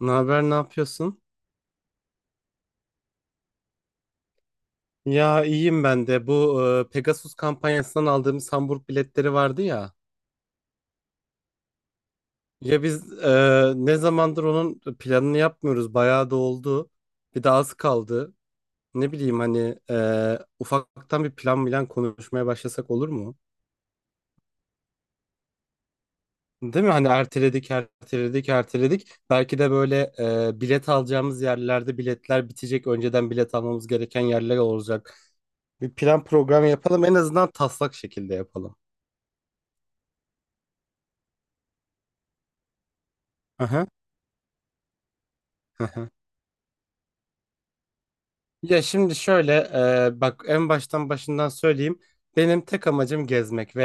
Ne haber, ne yapıyorsun? Ya iyiyim ben de. Pegasus kampanyasından aldığımız Hamburg biletleri vardı ya. Ne zamandır onun planını yapmıyoruz. Bayağı da oldu. Bir de az kaldı. Ne bileyim hani, ufaktan bir plan bilen konuşmaya başlasak olur mu? Değil mi? Hani erteledik, erteledik, erteledik. Belki de böyle, bilet alacağımız yerlerde biletler bitecek. Önceden bilet almamız gereken yerler olacak. Bir plan program yapalım. En azından taslak şekilde yapalım. Hı hı. Ya şimdi şöyle, bak en baştan başından söyleyeyim. Benim tek amacım gezmek ve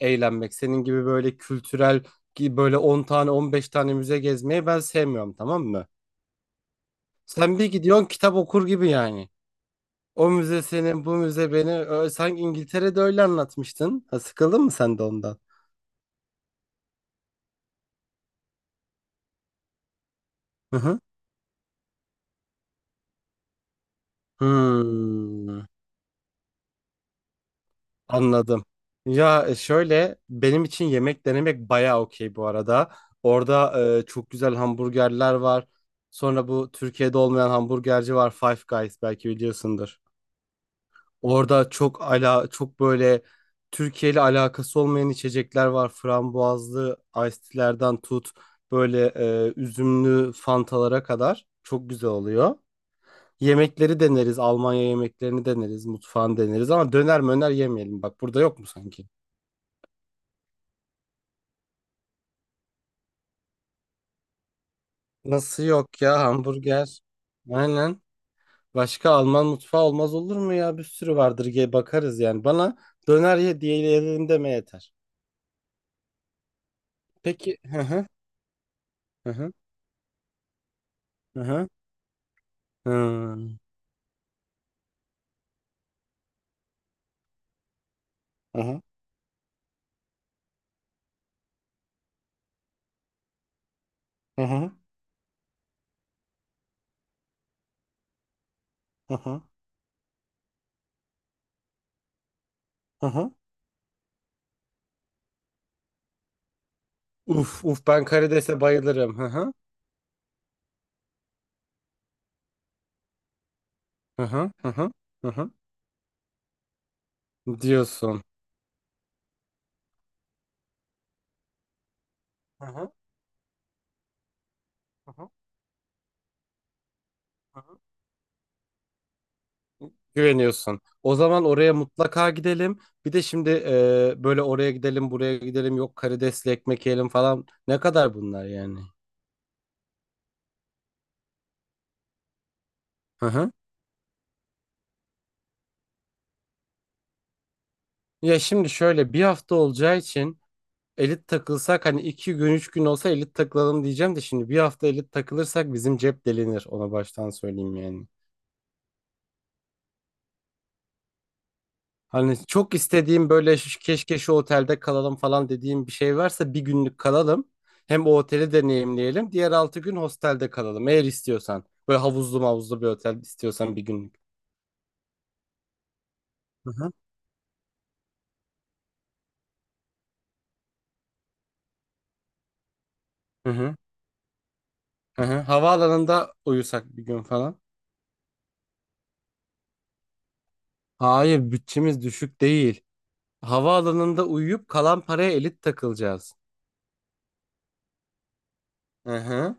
e, eğlenmek. Senin gibi böyle kültürel ki böyle 10 tane 15 tane müze gezmeyi ben sevmiyorum, tamam mı? Sen bir gidiyorsun kitap okur gibi yani. O müze senin bu müze beni sen İngiltere'de öyle anlatmıştın. Ha, sıkıldın mı sen de ondan? Hı hı. Hmm. Anladım. Ya, şöyle benim için yemek denemek bayağı okey bu arada. Orada, çok güzel hamburgerler var. Sonra bu Türkiye'de olmayan hamburgerci var, Five Guys, belki biliyorsundur. Orada çok ala çok böyle Türkiye ile alakası olmayan içecekler var. Frambuazlı iced tea'lerden tut böyle, üzümlü fantalara kadar çok güzel oluyor. Yemekleri deneriz, Almanya yemeklerini deneriz, mutfağını deneriz ama döner möner yemeyelim. Bak burada yok mu sanki? Nasıl yok ya hamburger? Aynen. Başka Alman mutfağı olmaz olur mu ya? Bir sürü vardır diye bakarız yani. Bana döner ye diyelim deme yeter. Peki. Hı hı. Hı hı. Hı hı. Hı hı. Hı hı. Hı hı. Hı hı. Uf uf, ben karidese bayılırım. Hı hı. Hı hı. Hı hı. Hı hı. Diyorsun. Hı hı. Hı hı. Hı hı. Güveniyorsun. O zaman oraya mutlaka gidelim. Bir de şimdi, böyle oraya gidelim, buraya gidelim, yok karidesli ekmek yiyelim falan. Ne kadar bunlar yani? Hı hı. Ya şimdi şöyle, bir hafta olacağı için elit takılsak, hani iki gün üç gün olsa elit takılalım diyeceğim de, şimdi bir hafta elit takılırsak bizim cep delinir. Ona baştan söyleyeyim yani. Hani çok istediğim böyle keşke şu otelde kalalım falan dediğim bir şey varsa bir günlük kalalım. Hem o oteli deneyimleyelim. Diğer 6 gün hostelde kalalım eğer istiyorsan. Böyle havuzlu mavuzlu bir otel istiyorsan bir günlük. Hı hı. Hı hı. Hı hı. Havaalanında uyusak bir gün falan. Hayır, bütçemiz düşük değil. Havaalanında uyuyup kalan paraya elit takılacağız. Hı hı.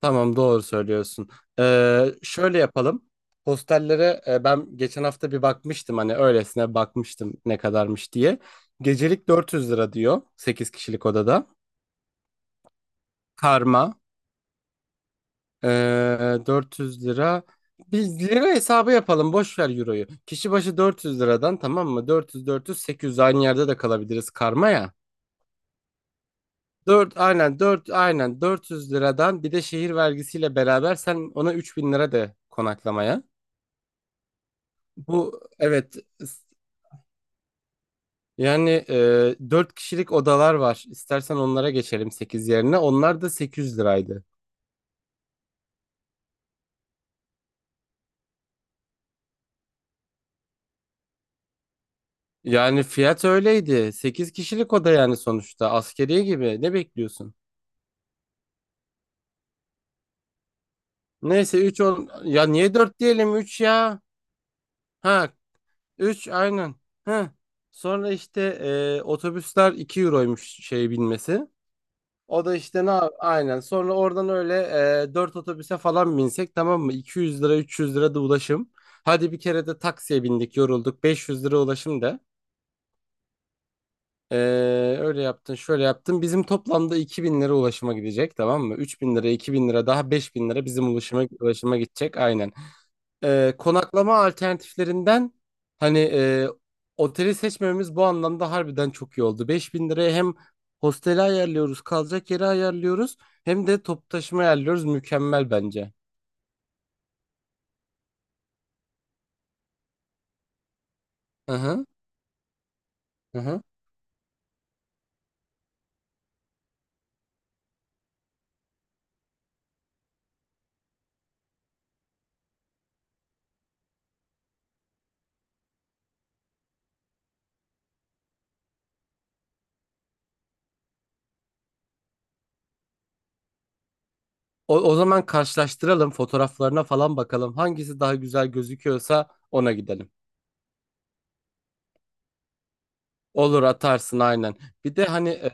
Tamam, doğru söylüyorsun. Şöyle yapalım. Hostellere, ben geçen hafta bir bakmıştım, hani öylesine bakmıştım ne kadarmış diye. Gecelik 400 lira diyor 8 kişilik odada. Karma, e, 400 lira. Biz lira hesabı yapalım, boş ver euroyu. Kişi başı 400 liradan, tamam mı? 400 400 800, aynı yerde de kalabiliriz karma ya. 4 aynen 4 aynen 400 liradan, bir de şehir vergisiyle beraber sen ona 3.000 lira de konaklamaya. Bu evet s- yani, 4 kişilik odalar var. İstersen onlara geçelim 8 yerine. Onlar da 800 liraydı. Yani fiyat öyleydi. 8 kişilik oda yani sonuçta. Askeriye gibi. Ne bekliyorsun? Neyse 3 on, ya niye 4 diyelim, 3 ya? Ha 3 aynen. Ha sonra işte, otobüsler 2 euroymuş şey binmesi. O da işte aynen. Sonra oradan öyle, 4 otobüse falan binsek tamam mı? 200 lira 300 lira da ulaşım. Hadi bir kere de taksiye bindik yorulduk. 500 lira ulaşım da. E, Öyle yaptın şöyle yaptın. Bizim toplamda 2.000 lira ulaşıma gidecek tamam mı? 3.000 lira 2.000 lira daha 5.000 lira bizim ulaşıma, ulaşıma gidecek aynen. Konaklama alternatiflerinden hani, oteli seçmememiz bu anlamda harbiden çok iyi oldu. 5.000 liraya hem hosteli ayarlıyoruz, kalacak yeri ayarlıyoruz, hem de toplu taşıma ayarlıyoruz. Mükemmel bence. Hı hı. Hı hı. O, o zaman karşılaştıralım, fotoğraflarına falan bakalım. Hangisi daha güzel gözüküyorsa ona gidelim. Olur, atarsın aynen. Bir de hani e,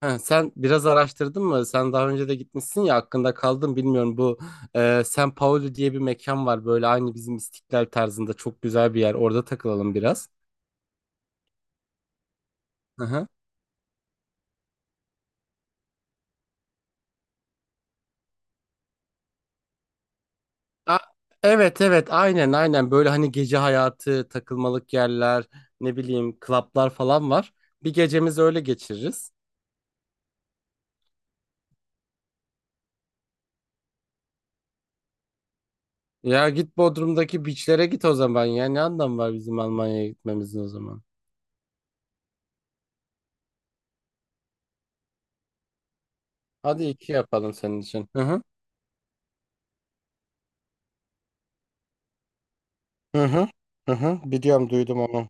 Ha, sen biraz araştırdın mı? Sen daha önce de gitmişsin ya, hakkında kaldım bilmiyorum. Bu, San Paolo diye bir mekan var, böyle aynı bizim İstiklal tarzında çok güzel bir yer. Orada takılalım biraz. Hı hı. A- evet evet aynen aynen, böyle hani gece hayatı, takılmalık yerler, ne bileyim klaplar falan var. Bir gecemizi öyle geçiririz. Ya git Bodrum'daki beachlere git o zaman, ya ne anlamı var bizim Almanya'ya gitmemizin o zaman. Hadi iki yapalım senin için. Hı hı. Hı hı. Hı hı. Biliyorum, duydum onu.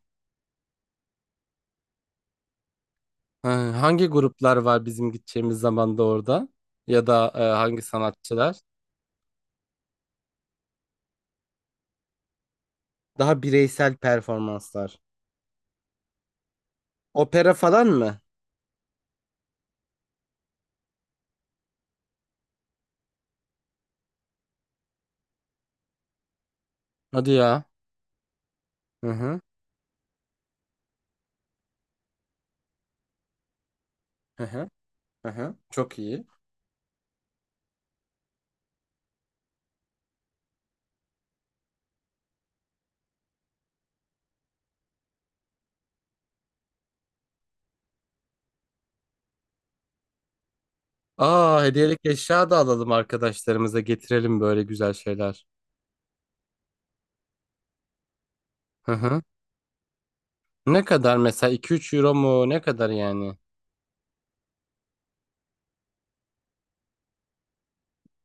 Ha, hangi gruplar var bizim gideceğimiz zamanda orada? Ya da, hangi sanatçılar? Daha bireysel performanslar. Opera falan mı? Hadi ya. Hı hı. Hı hı. Hı hı. Çok iyi. Aa, hediyelik eşya da alalım, arkadaşlarımıza getirelim böyle güzel şeyler. Hı hı. Ne kadar mesela, 2 3 euro mu? Ne kadar yani?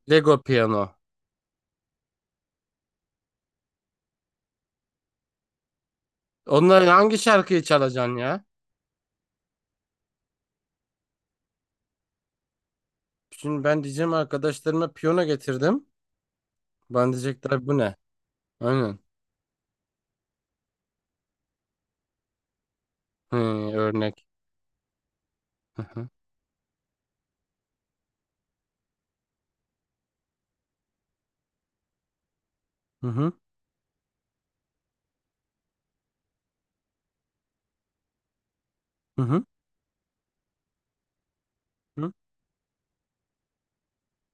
Lego piyano. Onların hangi şarkıyı çalacaksın ya? Şimdi ben diyeceğim arkadaşlarıma piyano getirdim. Bana diyecekler bu ne? Aynen. Hı, örnek. Hı hı. Hı hı. Hı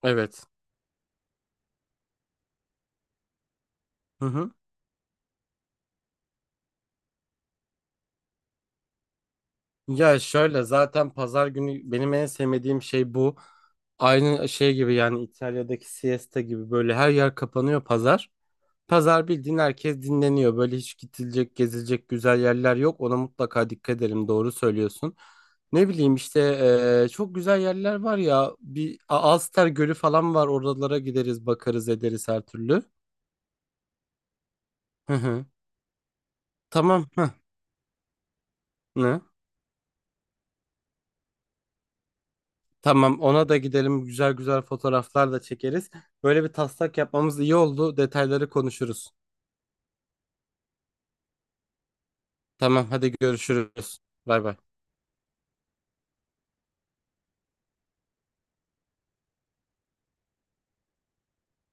Evet. Hı. Hı. Ya şöyle, zaten pazar günü benim en sevmediğim şey bu. Aynı şey gibi yani, İtalya'daki siesta gibi, böyle her yer kapanıyor pazar. Pazar bildiğin herkes dinleniyor. Böyle hiç gidilecek, gezilecek güzel yerler yok. Ona mutlaka dikkat edelim. Doğru söylüyorsun. Ne bileyim işte, çok güzel yerler var ya. Bir Alster Gölü falan var. Oralara gideriz, bakarız, ederiz her türlü. Hı hı. Tamam. Hı. Ne? Tamam, ona da gidelim, güzel güzel fotoğraflar da çekeriz. Böyle bir taslak yapmamız iyi oldu. Detayları konuşuruz. Tamam hadi görüşürüz. Bay bay.